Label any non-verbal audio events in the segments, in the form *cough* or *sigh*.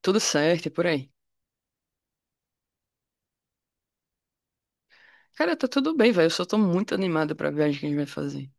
Tudo certo e por aí. Cara, tá tudo bem, velho. Eu só tô muito animado pra viagem que a gente vai fazer.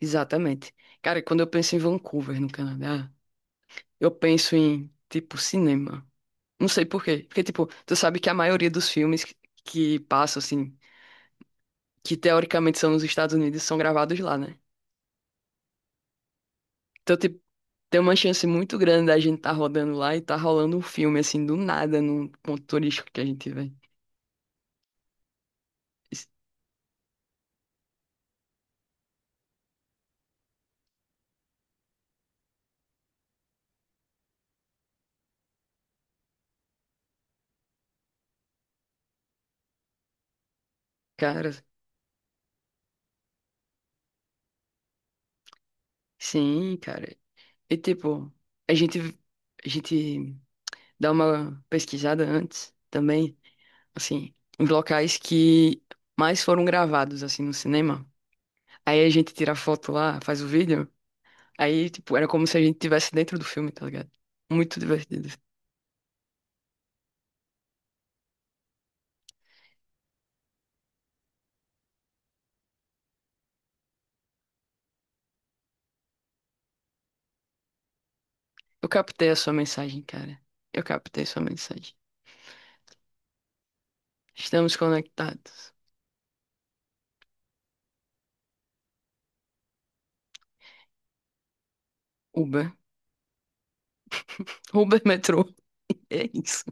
Exatamente. Cara, quando eu penso em Vancouver, no Canadá, eu penso em, tipo, cinema. Não sei por quê. Porque, tipo, tu sabe que a maioria dos filmes que passam, assim, que teoricamente são nos Estados Unidos, são gravados lá, né? Então, tipo, tem uma chance muito grande da gente tá rodando lá e tá rolando um filme, assim, do nada, num ponto turístico que a gente vai. Cara, sim, cara. E, tipo, a gente. A gente. Dá uma pesquisada antes também, assim, em locais que mais foram gravados, assim, no cinema. Aí a gente tira a foto lá, faz o vídeo. Aí, tipo, era como se a gente estivesse dentro do filme, tá ligado? Muito divertido. Eu captei a sua mensagem, cara. Eu captei a sua mensagem. Estamos conectados. Uber. *laughs* Uber, metrô. É isso.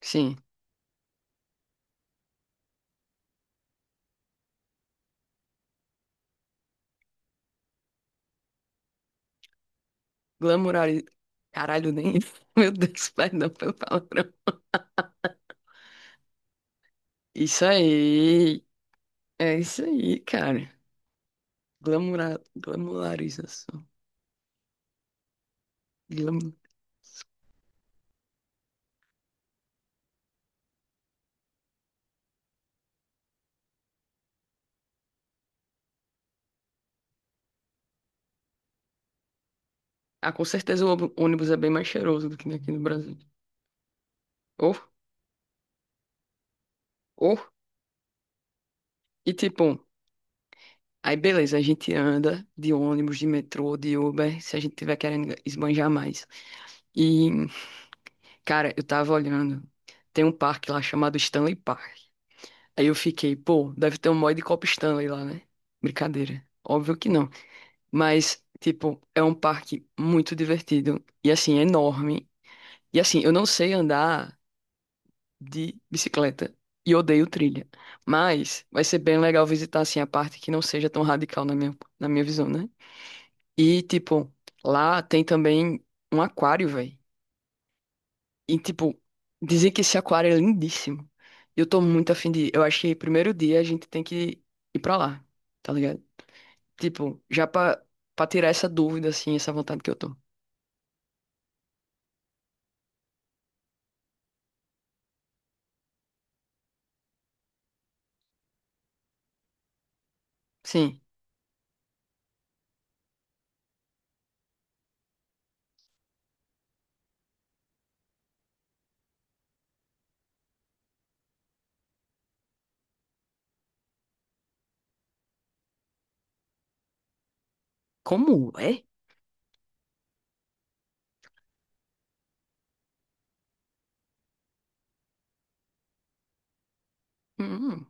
Sim. Glamourari... Caralho, nem isso. *laughs* Meu Deus, perdão pelo palavrão. Isso aí. É isso aí, cara. Glamoura, glamularização. Glamu- Ah, com certeza o ônibus é bem mais cheiroso do que aqui no Brasil. Ou, ou, e tipo, aí beleza, a gente anda de ônibus, de metrô, de Uber, se a gente tiver querendo esbanjar mais. E, cara, eu tava olhando, tem um parque lá chamado Stanley Park. Aí eu fiquei, pô, deve ter um mod de Copa Stanley lá, né? Brincadeira. Óbvio que não. Mas, tipo, é um parque muito divertido. E assim, é enorme. E assim, eu não sei andar de bicicleta e odeio trilha. Mas vai ser bem legal visitar assim a parte que não seja tão radical na minha visão, né? E tipo, lá tem também um aquário, velho. E tipo, dizem que esse aquário é lindíssimo. E eu tô muito afim de ir. Eu acho que primeiro dia a gente tem que ir pra lá, tá ligado? Tipo, pra tirar essa dúvida, assim, essa vontade que eu tô. Sim. Como é? Hum,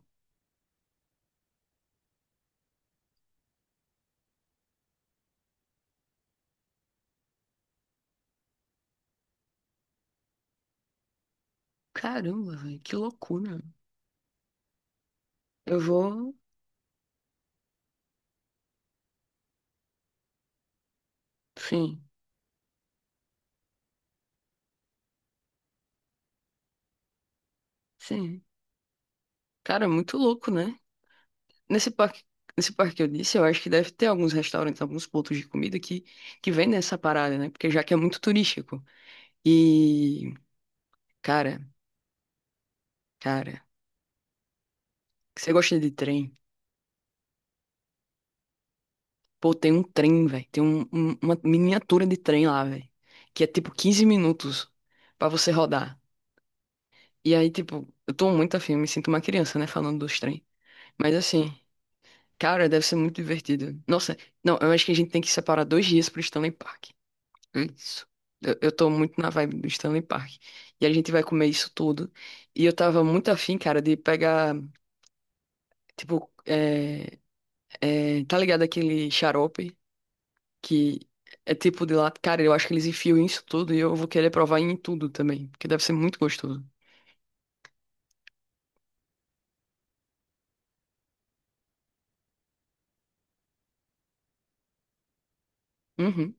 caramba, velho, que loucura. Eu vou. Sim. Sim. Cara, é muito louco, né? Nesse parque, nesse parque que eu disse, eu acho que deve ter alguns restaurantes, alguns pontos de comida que vendem essa parada, né? Porque já que é muito turístico. E, cara, cara, você gosta de trem? Pô, tem um trem, velho. Tem uma miniatura de trem lá, velho. Que é tipo 15 minutos pra você rodar. E aí, tipo, eu tô muito afim, me sinto uma criança, né? Falando dos trem. Mas assim, cara, deve ser muito divertido. Nossa, não, eu acho que a gente tem que separar dois dias pro Stanley Park. É isso. Eu tô muito na vibe do Stanley Park. E a gente vai comer isso tudo. E eu tava muito afim, cara, de pegar, tipo, tá ligado aquele xarope que é tipo de lá. Cara, eu acho que eles enfiam isso tudo e eu vou querer provar em tudo também, porque deve ser muito gostoso. Uhum.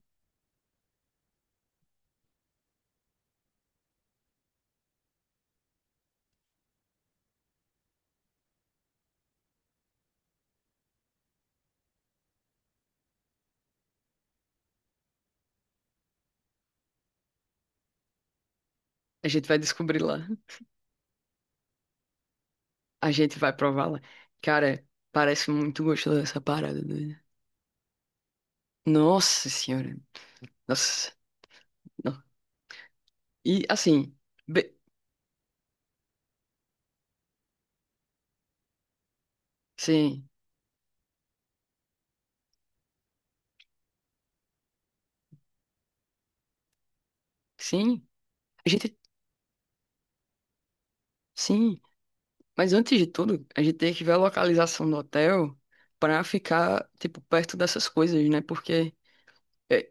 A gente vai descobrir lá. A gente vai provar lá. Cara, parece muito gostoso essa parada, né? Nossa senhora. Nossa. Não. E assim, be- sim, sim. A gente. Sim, mas antes de tudo, a gente tem que ver a localização do hotel para ficar, tipo, perto dessas coisas, né? É,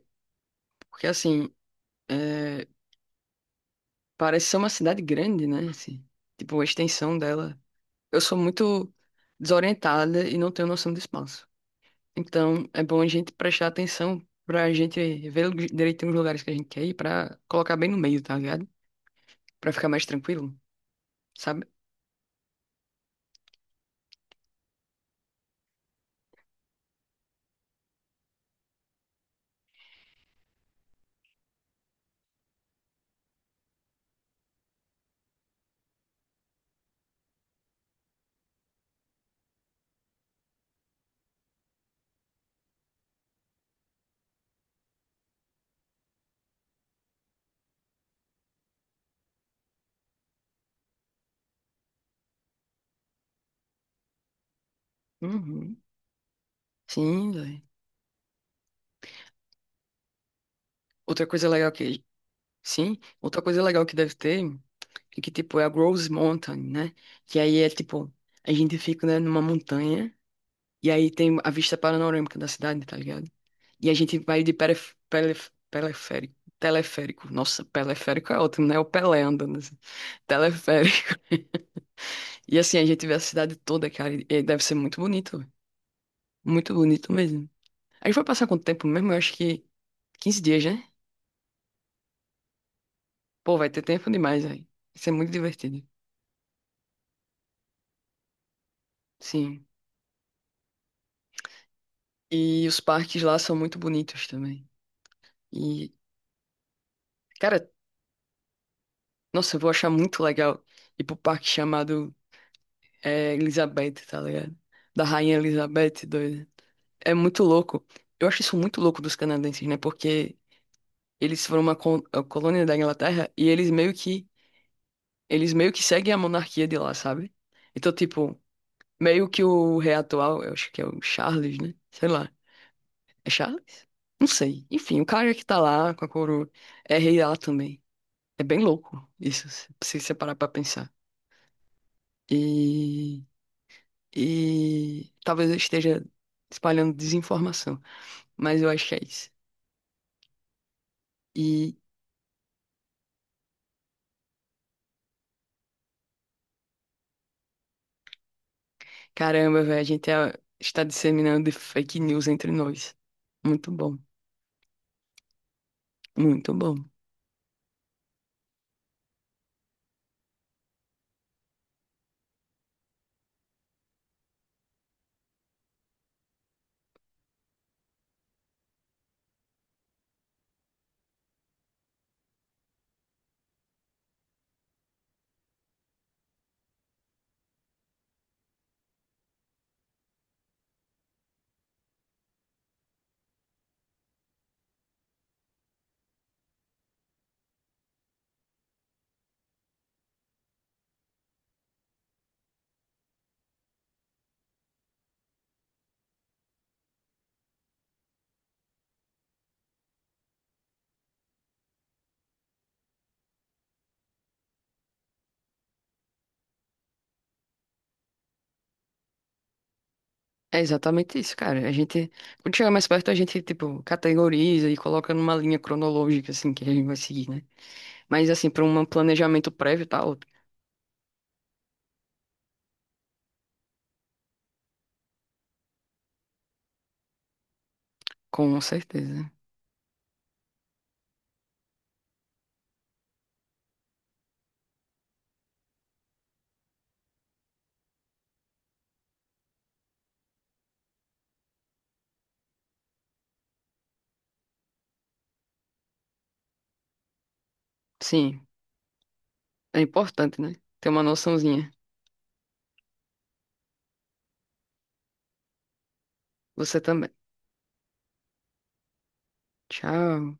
porque assim, é, parece ser uma cidade grande, né? Assim, tipo, a extensão dela. Eu sou muito desorientada e não tenho noção do espaço. Então, é bom a gente prestar atenção para a gente ver direitinho os lugares que a gente quer ir para colocar bem no meio, tá ligado? Para ficar mais tranquilo, sabe? Uhum. Sim, velho. Outra coisa legal que... Sim, outra coisa legal que deve ter é que, tipo, é a Rose Mountain, né? Que aí é, tipo, a gente fica, né, numa montanha e aí tem a vista panorâmica da cidade, tá ligado? E a gente vai de peref... Pelef... peleférico. Teleférico. Nossa, peleférico é ótimo, né? O Pelé andando assim. Teleférico. *laughs* E assim, a gente vê a cidade toda, cara, e deve ser muito bonito, velho. Muito bonito mesmo. A gente vai passar quanto tempo mesmo? Eu acho que 15 dias, né? Pô, vai ter tempo demais aí. Vai ser muito divertido. Sim. E os parques lá são muito bonitos também. E, cara, nossa, eu vou achar muito legal ir pro parque chamado é, Elizabeth, tá ligado? Da Rainha Elizabeth, doida. É muito louco. Eu acho isso muito louco dos canadenses, né? Porque eles foram uma a colônia da Inglaterra e eles meio que seguem a monarquia de lá, sabe? Então, tipo, meio que o rei atual, eu acho que é o Charles, né? Sei lá. É Charles? Não sei. Enfim, o cara que tá lá com a coroa é rei lá também. É bem louco isso, se você parar pra pensar. E, e talvez eu esteja espalhando desinformação, mas eu acho que é isso. E caramba, velho, está disseminando fake news entre nós. Muito bom, muito bom. É exatamente isso, cara. A gente, quando chegar mais perto, a gente, tipo, categoriza e coloca numa linha cronológica, assim, que a gente vai seguir, né? Mas, assim, para um planejamento prévio, tá ótimo. Com certeza. Sim, é importante, né? Ter uma noçãozinha. Você também. Tchau.